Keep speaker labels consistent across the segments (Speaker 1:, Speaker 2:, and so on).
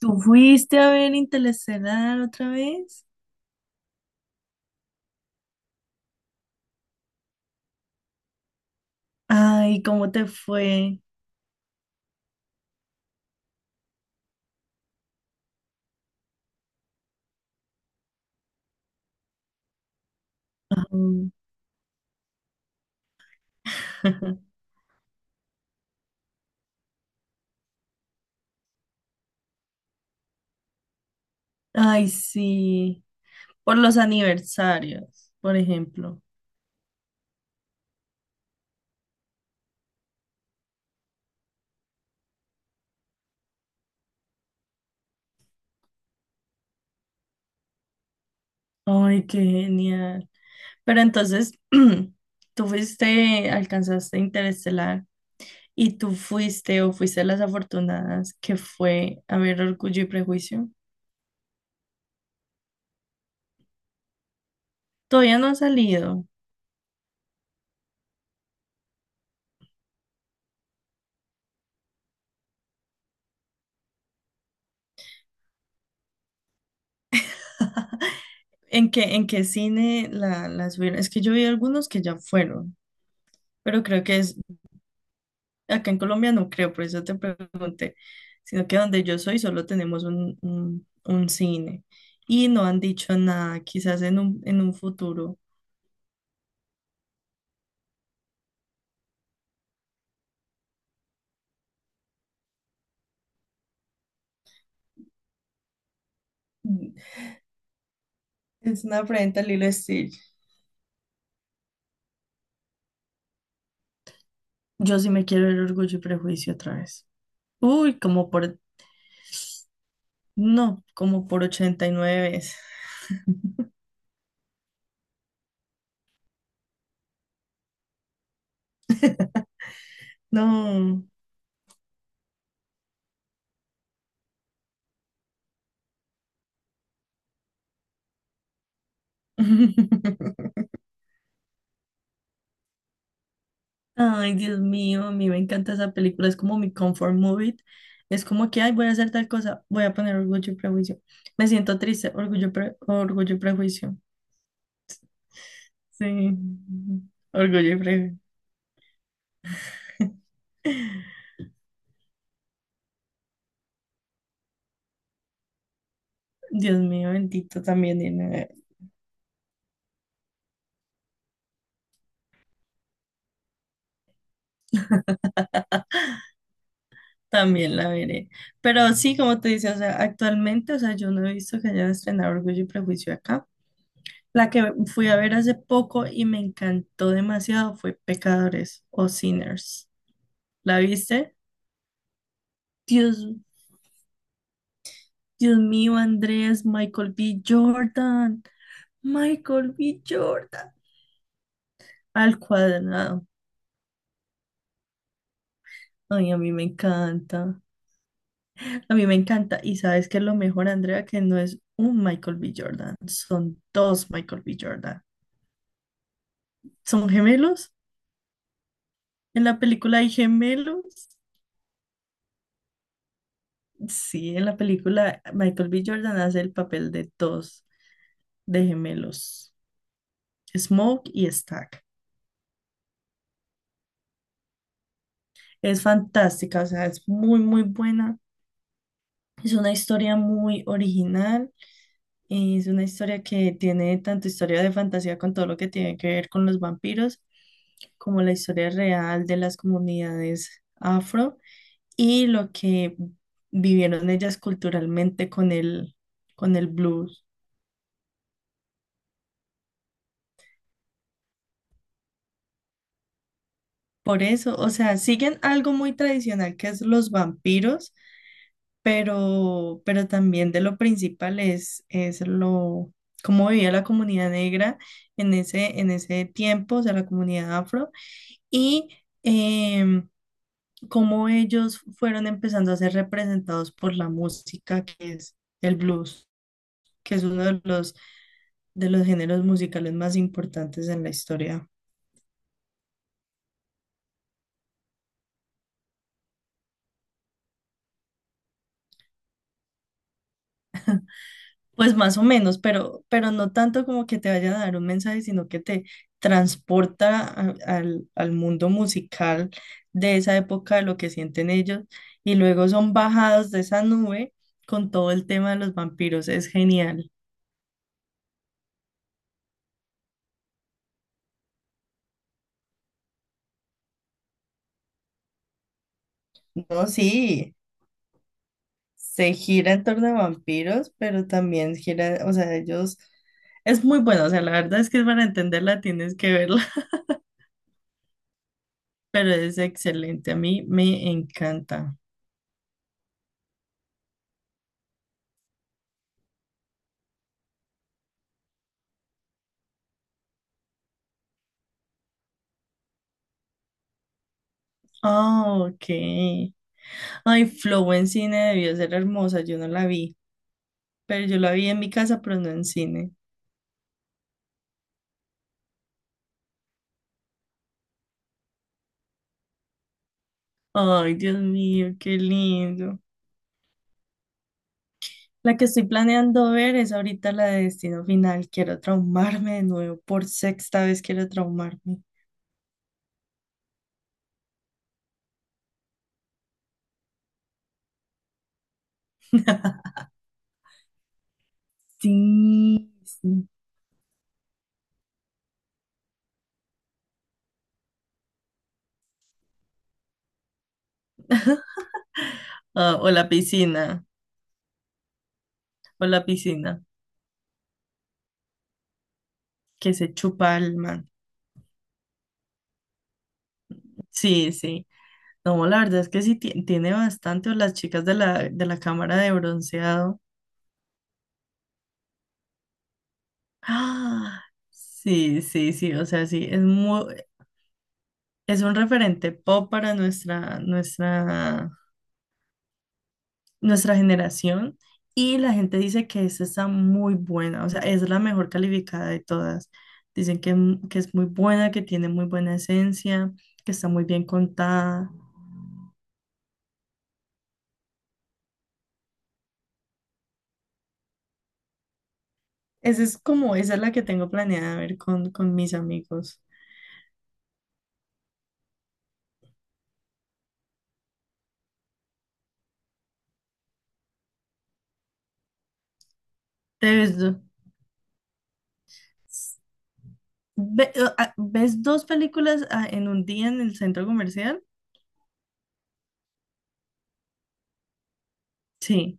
Speaker 1: ¿Tú fuiste a ver Interestelar otra vez? Ay, ¿cómo te fue? Ay, ay, sí. Por los aniversarios, por ejemplo. Ay, qué genial. Pero entonces, tú fuiste, alcanzaste Interestelar y tú fuiste o fuiste a las afortunadas que fue a ver Orgullo y Prejuicio. Todavía no ha salido. ¿En qué cine la subieron? Es que yo vi algunos que ya fueron, pero creo que es acá en Colombia. No creo, por eso te pregunté, sino que donde yo soy solo tenemos un cine y no han dicho nada, quizás en un futuro. Es una afrenta al Lilo y Stitch. Yo sí me quiero ver Orgullo y Prejuicio otra vez. Uy, como por, no, como por 89 veces. No. Ay, Dios mío, a mí me encanta esa película, es como mi comfort movie. Es como que, ay, voy a hacer tal cosa, voy a poner Orgullo y Prejuicio. Me siento triste, Orgullo y Prejuicio. Sí, Orgullo y Prejuicio. Dios mío, bendito, también, también la veré. Pero sí, como te dice, o sea, actualmente, o sea, yo no he visto que hayan estrenado Orgullo y Prejuicio acá. La que fui a ver hace poco y me encantó demasiado fue Pecadores o Sinners. ¿La viste? Dios. Dios mío, Andrés, Michael B. Jordan, al cuadrado. Ay, a mí me encanta, a mí me encanta. Y sabes que lo mejor, Andrea, que no es un Michael B. Jordan, son dos Michael B. Jordan. ¿Son gemelos? ¿En la película hay gemelos? Sí, en la película Michael B. Jordan hace el papel de dos de gemelos, Smoke y Stack. Es fantástica, o sea, es muy, muy buena. Es una historia muy original, y es una historia que tiene tanto historia de fantasía con todo lo que tiene que ver con los vampiros, como la historia real de las comunidades afro y lo que vivieron ellas culturalmente con el blues. Por eso, o sea, siguen algo muy tradicional que es los vampiros, pero también de lo principal es lo, cómo vivía la comunidad negra en ese tiempo, o sea, la comunidad afro y em, cómo ellos fueron empezando a ser representados por la música, que es el blues, que es uno de los géneros musicales más importantes en la historia. Pues más o menos, pero no tanto como que te vaya a dar un mensaje, sino que te transporta al mundo musical de esa época, de lo que sienten ellos, y luego son bajados de esa nube con todo el tema de los vampiros. Es genial. No, sí. Se gira en torno a vampiros, pero también gira, o sea, ellos, es muy bueno, o sea, la verdad es que para entenderla tienes que verla, pero es excelente, a mí me encanta. Ah, ok. Ay, Flow en cine debió ser hermosa, yo no la vi, pero yo la vi en mi casa, pero no en cine. Ay, Dios mío, qué lindo. La que estoy planeando ver es ahorita la de Destino Final. Quiero traumarme de nuevo, por sexta vez quiero traumarme. Sí, sí. Ah, o la piscina, que se chupa el man. Sí, sí. No, la verdad es que sí tiene bastante, o las chicas de la cámara de bronceado. Ah, sí, sí, sí, o sea, sí, es muy, es un referente pop para nuestra generación. Y la gente dice que esta está muy buena, o sea, es la mejor calificada de todas. Dicen que, que es muy buena, que tiene muy buena esencia, que está muy bien contada. Esa es como, esa es la que tengo planeada ver con mis amigos. Te ves, do- ve- ah, ¿ves dos películas en un día en el centro comercial? Sí.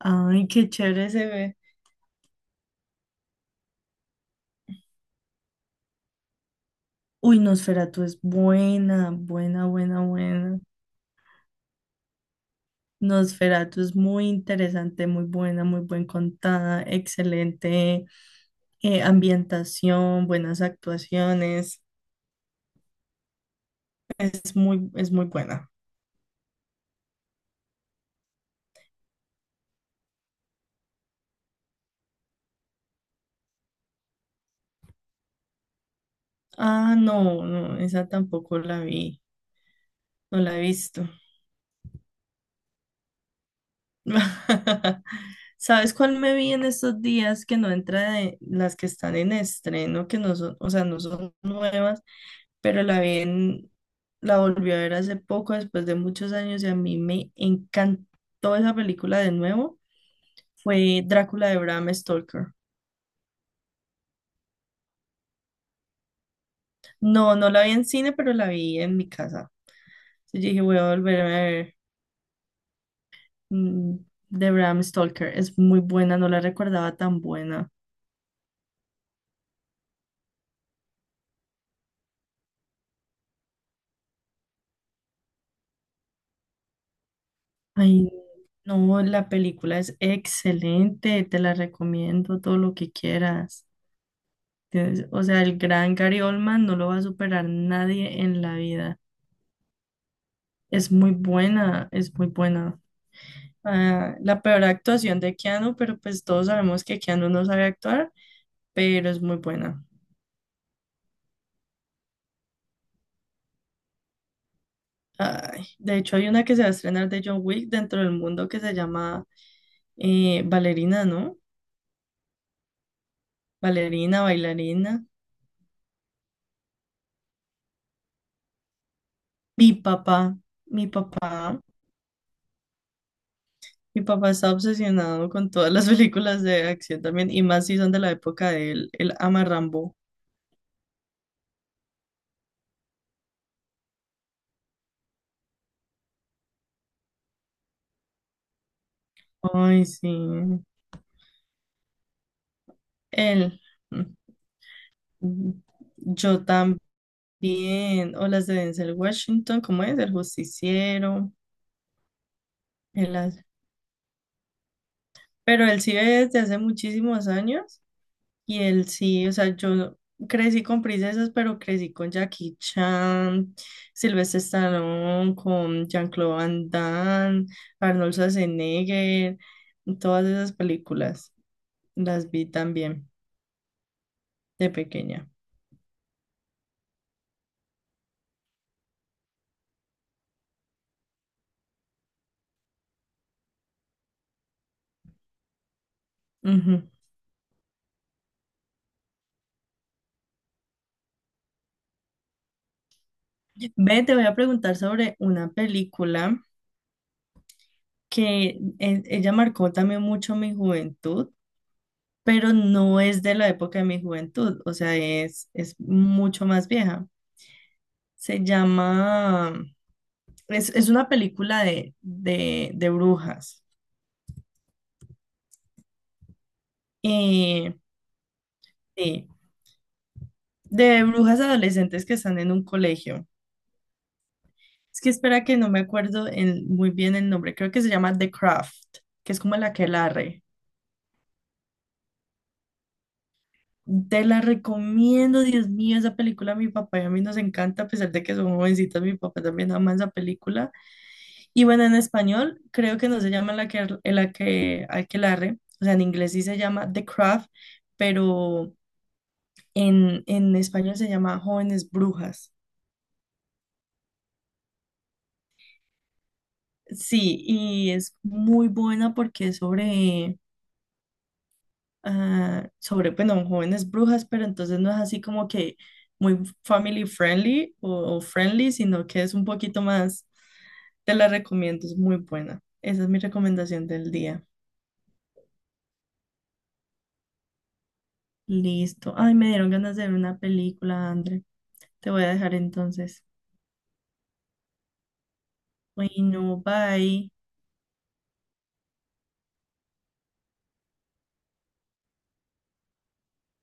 Speaker 1: Ay, qué chévere se ve. Uy, Nosferatu es buena, buena, buena, buena. Nosferatu es muy interesante, muy buena, muy buen contada, excelente ambientación, buenas actuaciones. Es muy buena. Ah, no, no, esa tampoco la vi, no la he visto. ¿Sabes cuál me vi en estos días que no entra de las que están en estreno, que no son, o sea, no son nuevas, pero la vi la volví a ver hace poco, después de muchos años, y a mí me encantó esa película de nuevo, fue Drácula de Bram Stoker. No, no la vi en cine, pero la vi en mi casa. Yo dije, voy a volverme a ver mm, de Bram Stoker. Es muy buena, no la recordaba tan buena. Ay, no, la película es excelente, te la recomiendo todo lo que quieras. O sea, el gran Gary Oldman no lo va a superar nadie en la vida. Es muy buena, es muy buena. Ah, la peor actuación de Keanu, pero pues todos sabemos que Keanu no sabe actuar, pero es muy buena. Ay, de hecho, hay una que se va a estrenar de John Wick dentro del mundo que se llama Ballerina, ¿no? Bailarina, bailarina. Mi papá, mi papá. Mi papá está obsesionado con todas las películas de acción también, y más si son de la época de él. Él ama Rambo. Ay, sí. Él. Mm, Yo también. O las de Denzel Washington, ¿cómo es? El justiciero. Él hace- Pero él sí ve desde hace muchísimos años. Y él sí, o sea, yo crecí con princesas, pero crecí con Jackie Chan, Sylvester Stallone, con Jean-Claude Van Damme, Arnold Schwarzenegger, todas esas películas las vi también de pequeña. Ujú. Ve, te voy a preguntar sobre una película que ella marcó también mucho mi juventud, pero no es de la época de mi juventud, o sea, es mucho más vieja. Se llama. Es una película de brujas. Eh, sí, de brujas adolescentes que están en un colegio. Es que espera que no me acuerdo muy bien el nombre. Creo que se llama The Craft, que es como la el aquelarre. Te la recomiendo, Dios mío, esa película a mi papá y a mí nos encanta, a pesar de que somos jovencitos, mi papá también ama esa película. Y bueno, en español creo que no se llama el, aquel- el aque- aquelarre, o sea, en inglés sí se llama The Craft, pero en español se llama Jóvenes Brujas. Sí, y es muy buena porque es sobre, ah, sobre, bueno, jóvenes brujas, pero entonces no es así como que muy family friendly o friendly, sino que es un poquito más, te la recomiendo, es muy buena. Esa es mi recomendación del día. Listo. Ay, me dieron ganas de ver una película, André. Te voy a dejar entonces. Bueno, bye.